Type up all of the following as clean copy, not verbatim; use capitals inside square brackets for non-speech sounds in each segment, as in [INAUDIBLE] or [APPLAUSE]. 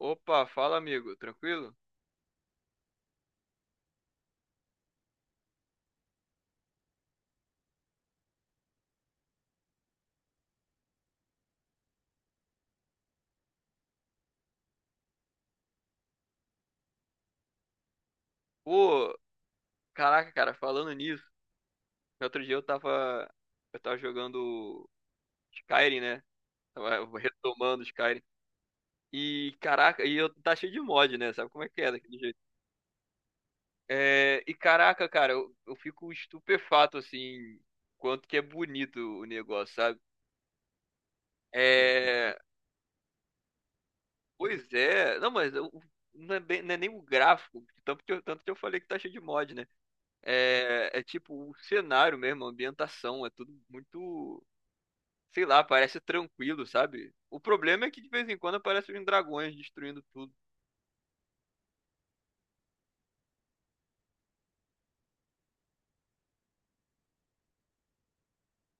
Opa, fala amigo, tranquilo? Pô, caraca, cara, falando nisso, outro dia eu tava jogando Skyrim, né? Tava retomando Skyrim. E caraca, e eu tá cheio de mod, né? Sabe como é que é daquele jeito? É, e caraca, cara, eu fico estupefato assim, quanto que é bonito o negócio, sabe? É, pois é, não, não é nem o gráfico, tanto que eu falei que tá cheio de mod, né? É, é tipo o cenário mesmo, a ambientação, é tudo muito, sei lá, parece tranquilo, sabe? O problema é que de vez em quando aparecem uns dragões destruindo tudo [LAUGHS]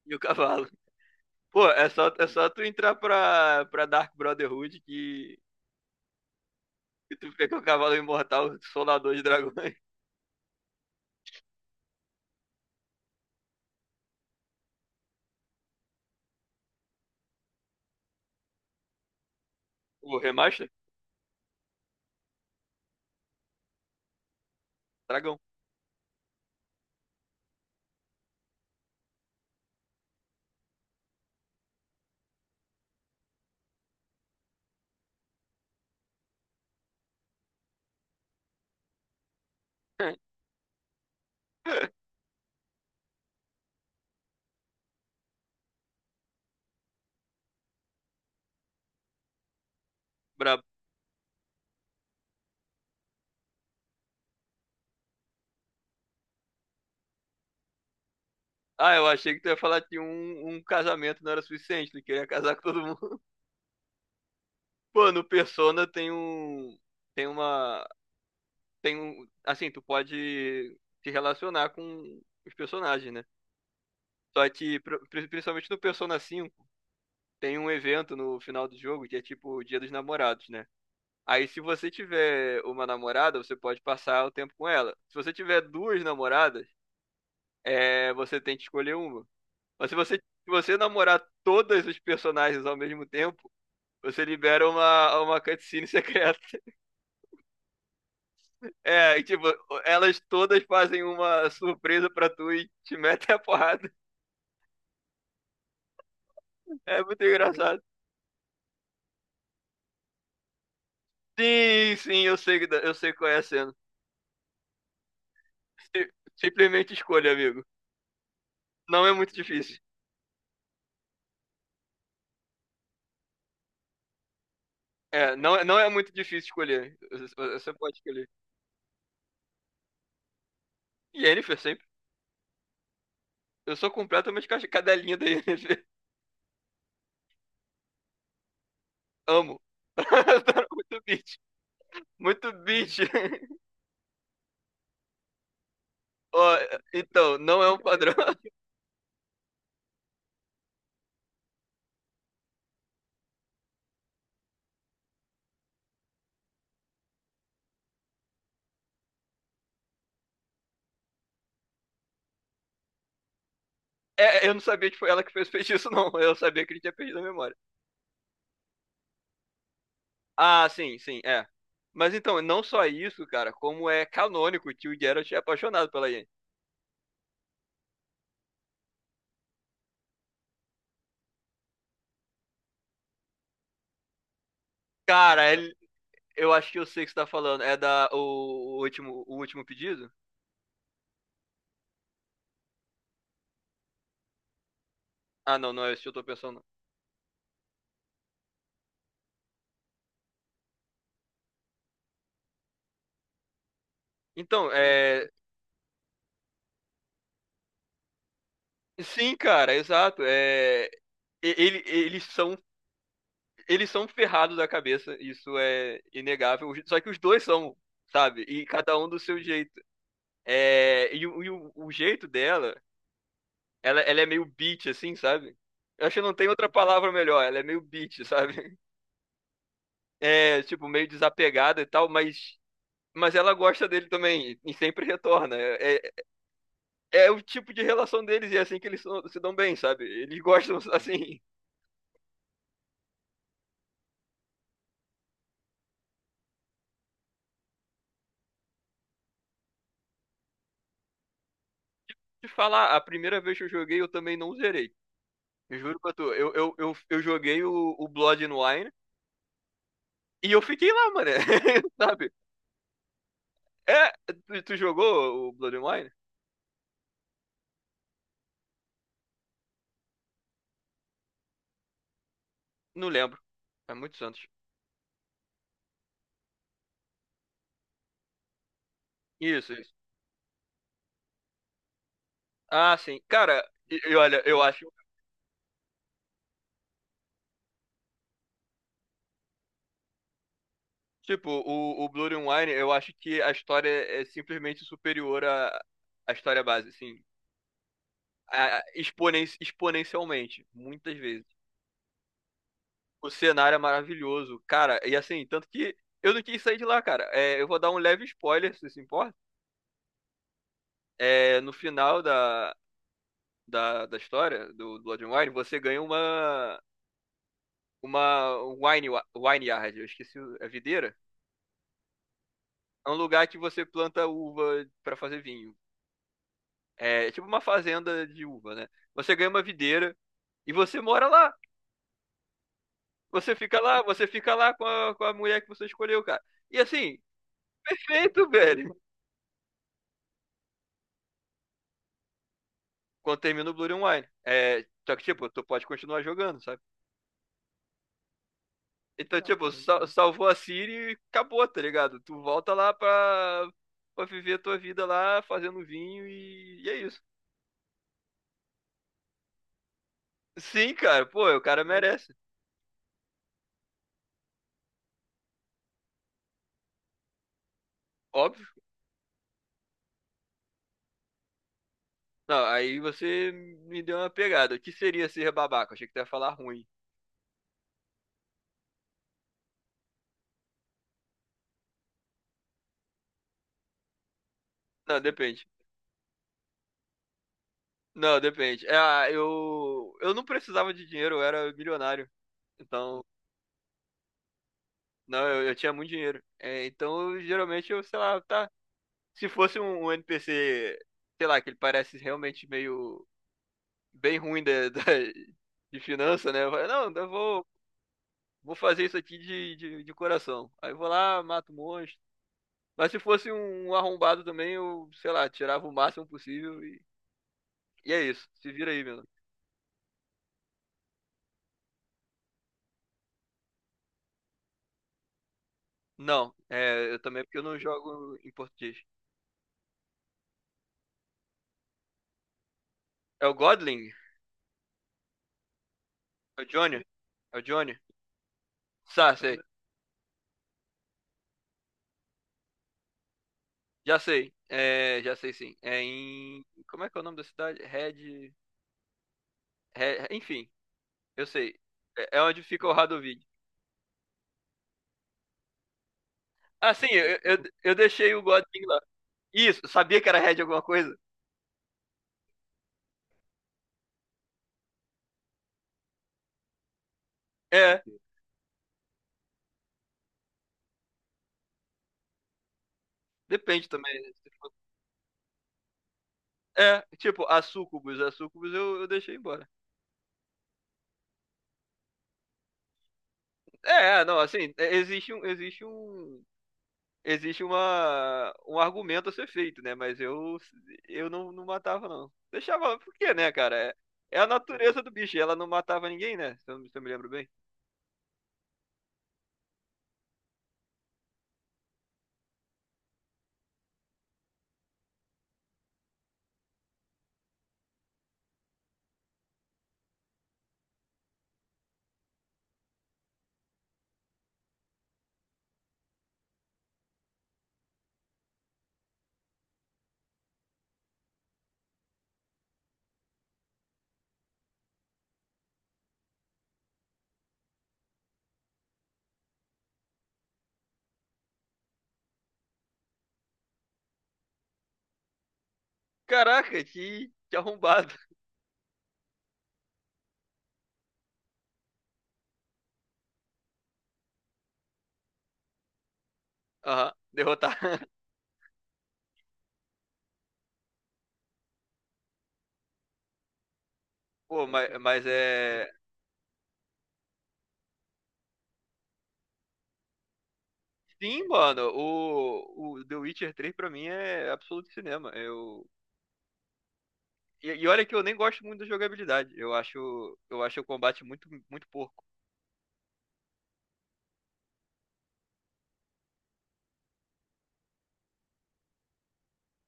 e o cavalo. Pô, é só tu entrar pra Dark Brotherhood que tu vê que o cavalo é imortal, o solador de dragões. [LAUGHS] O remaster? Dragão. [LAUGHS] Brabo. Ah, eu achei que tu ia falar que um casamento não era suficiente, tu queria casar com todo mundo. [LAUGHS] Pô, no Persona tem um. Tem uma. Tem um, assim, tu pode se relacionar com os personagens, né? Só que, principalmente no Persona 5, tem um evento no final do jogo que é tipo o Dia dos Namorados, né? Aí, se você tiver uma namorada, você pode passar o tempo com ela. Se você tiver duas namoradas, é, você tem que escolher uma. Mas se você namorar todos os personagens ao mesmo tempo, você libera uma cutscene [LAUGHS] secreta. É, e, tipo, elas todas fazem uma surpresa pra tu e te metem a porrada. É muito engraçado. Sim, sim, eu sei, eu sei qual é a cena. Si- Simplesmente escolha, amigo. Não é muito difícil. É, não, não é muito difícil escolher. Você pode escolher. Jennifer sempre. Eu sou completamente cadelinha da Yennefer. Amo. [LAUGHS] Muito bitch. Muito bitch. [LAUGHS] Ó, então, não é um padrão. [LAUGHS] É, eu não sabia que foi ela que fez o feitiço, não. Eu sabia que ele tinha perdido a memória. Ah, sim, sim, é. Mas então, não só isso, cara, como é canônico que o Geralt é apaixonado pela Yennefer. Cara, ele- eu acho que eu sei o que você tá falando. É da o, o último pedido? Ah, não, não é esse que eu tô pensando. Não. Então, é. Sim, cara, exato. Ele, eles são ferrados da cabeça, isso é inegável. Só que os dois são, sabe? E cada um do seu jeito. É... E, o jeito dela, ela é meio bitch, assim, sabe? Eu acho que não tem outra palavra melhor, ela é meio bitch, [LAUGHS] sabe? É, tipo, meio desapegada e tal, mas ela gosta dele também e sempre retorna. É, é, é o tipo de relação deles e é assim que se dão bem, sabe? Eles gostam, [LAUGHS] assim. De falar, a primeira vez que eu joguei, eu também não zerei. Eu juro pra tu, eu joguei o Blood and Wine e eu fiquei lá, mano. [LAUGHS] Sabe? É, tu jogou o Blood and Wine? Não lembro. É muitos anos. Isso, isso. Ah, sim. Cara, e olha, eu acho. Tipo, o Blood and Wine, eu acho que a história é é simplesmente superior à, à história base, assim. Ah, exponencialmente, muitas vezes. O cenário é maravilhoso, cara. E assim, tanto que eu não quis sair de lá, cara. É, eu vou dar um leve spoiler, se você se importa. É, no final da história do Blood and Wine, você ganha uma wine yard, eu esqueci a videira. É um lugar que você planta uva pra fazer vinho. É é tipo uma fazenda de uva, né? Você ganha uma videira e você mora lá. Você fica lá com a mulher que você escolheu, cara. E assim, perfeito, velho. Quando termina o Blood and Wine. É, só que, tipo, tu pode continuar jogando, sabe? Então, tipo, salvou a Ciri e acabou, tá ligado? Tu volta lá pra, pra viver a tua vida lá, fazendo vinho e é isso. Sim, cara, pô, o cara merece. Óbvio. Não, aí você me deu uma pegada. O que seria ser babaca? Achei que tu ia falar ruim. Não, depende. Não, depende. É, ah, eu não precisava de dinheiro, eu era milionário. Então, não, eu tinha muito dinheiro. É, então, eu, geralmente, eu, sei lá, tá. Se fosse um NPC, sei lá, que ele parece realmente meio bem ruim de finança, né? Eu falo, não, eu vou, vou fazer isso aqui de coração. Aí eu vou lá, mato um monstro. Mas se fosse um arrombado também, eu, sei lá, tirava o máximo possível e é isso. Se vira aí, meu. Não, é, eu também, porque eu não jogo em português. É o Godling? É o Johnny? É o Johnny? Sá, sei. Já sei. É, já sei sim. É em. Como é que é o nome da cidade? Red. Enfim, eu sei. É é onde fica o Radovid. Ah, sim, eu deixei o Godwin lá. Isso, sabia que era Red alguma coisa? É, depende também. Né? É, tipo, a Sucubus eu deixei embora. É, é, não, assim, é, existe um, existe uma, um argumento a ser feito, né? Mas eu não, não matava, não. Deixava, por quê, né, cara? É, é a natureza do bicho, ela não matava ninguém, né? Se eu, se eu me lembro bem. Caraca, que arrombado. Aham, derrotar. [LAUGHS] Pô, mas é. Sim, mano, o The Witcher 3 pra mim é absoluto cinema. Eu. E olha que eu nem gosto muito da jogabilidade. Eu acho o combate muito, muito porco.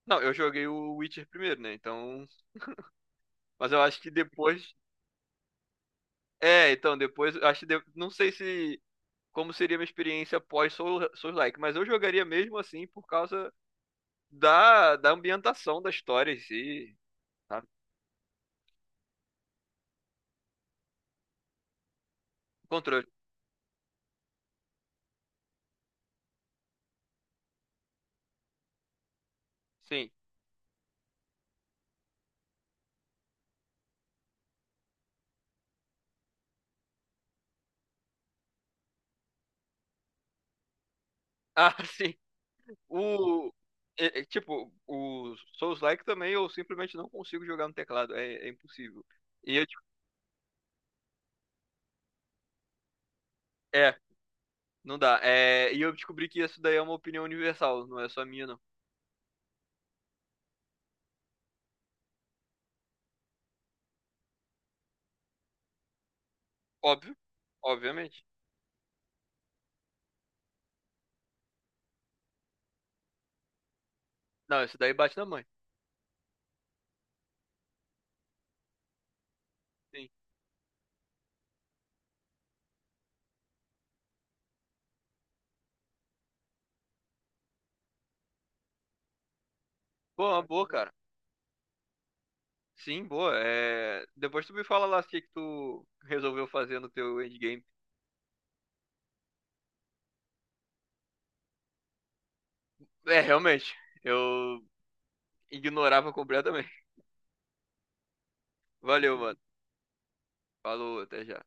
Não, eu joguei o Witcher primeiro, né? Então. Mas eu acho que depois. É, então depois, acho que não sei se como seria minha experiência pós Souls-like, mas eu jogaria mesmo assim por causa da, da ambientação da história em si, sabe? Controle. Sim. Ah, [LAUGHS] sim. O é, tipo, o Souls-like também eu simplesmente não consigo jogar no teclado, é, é impossível. E eu, tipo, é, não dá. É, e eu descobri que isso daí é uma opinião universal, não é só minha, não. Óbvio, obviamente. Não, isso daí bate na mãe. Sim. Pô, uma boa, cara. Sim, boa. É... Depois tu me fala lá o que que tu resolveu fazer no teu endgame. É, realmente, eu ignorava completamente. Valeu, mano. Falou, até já.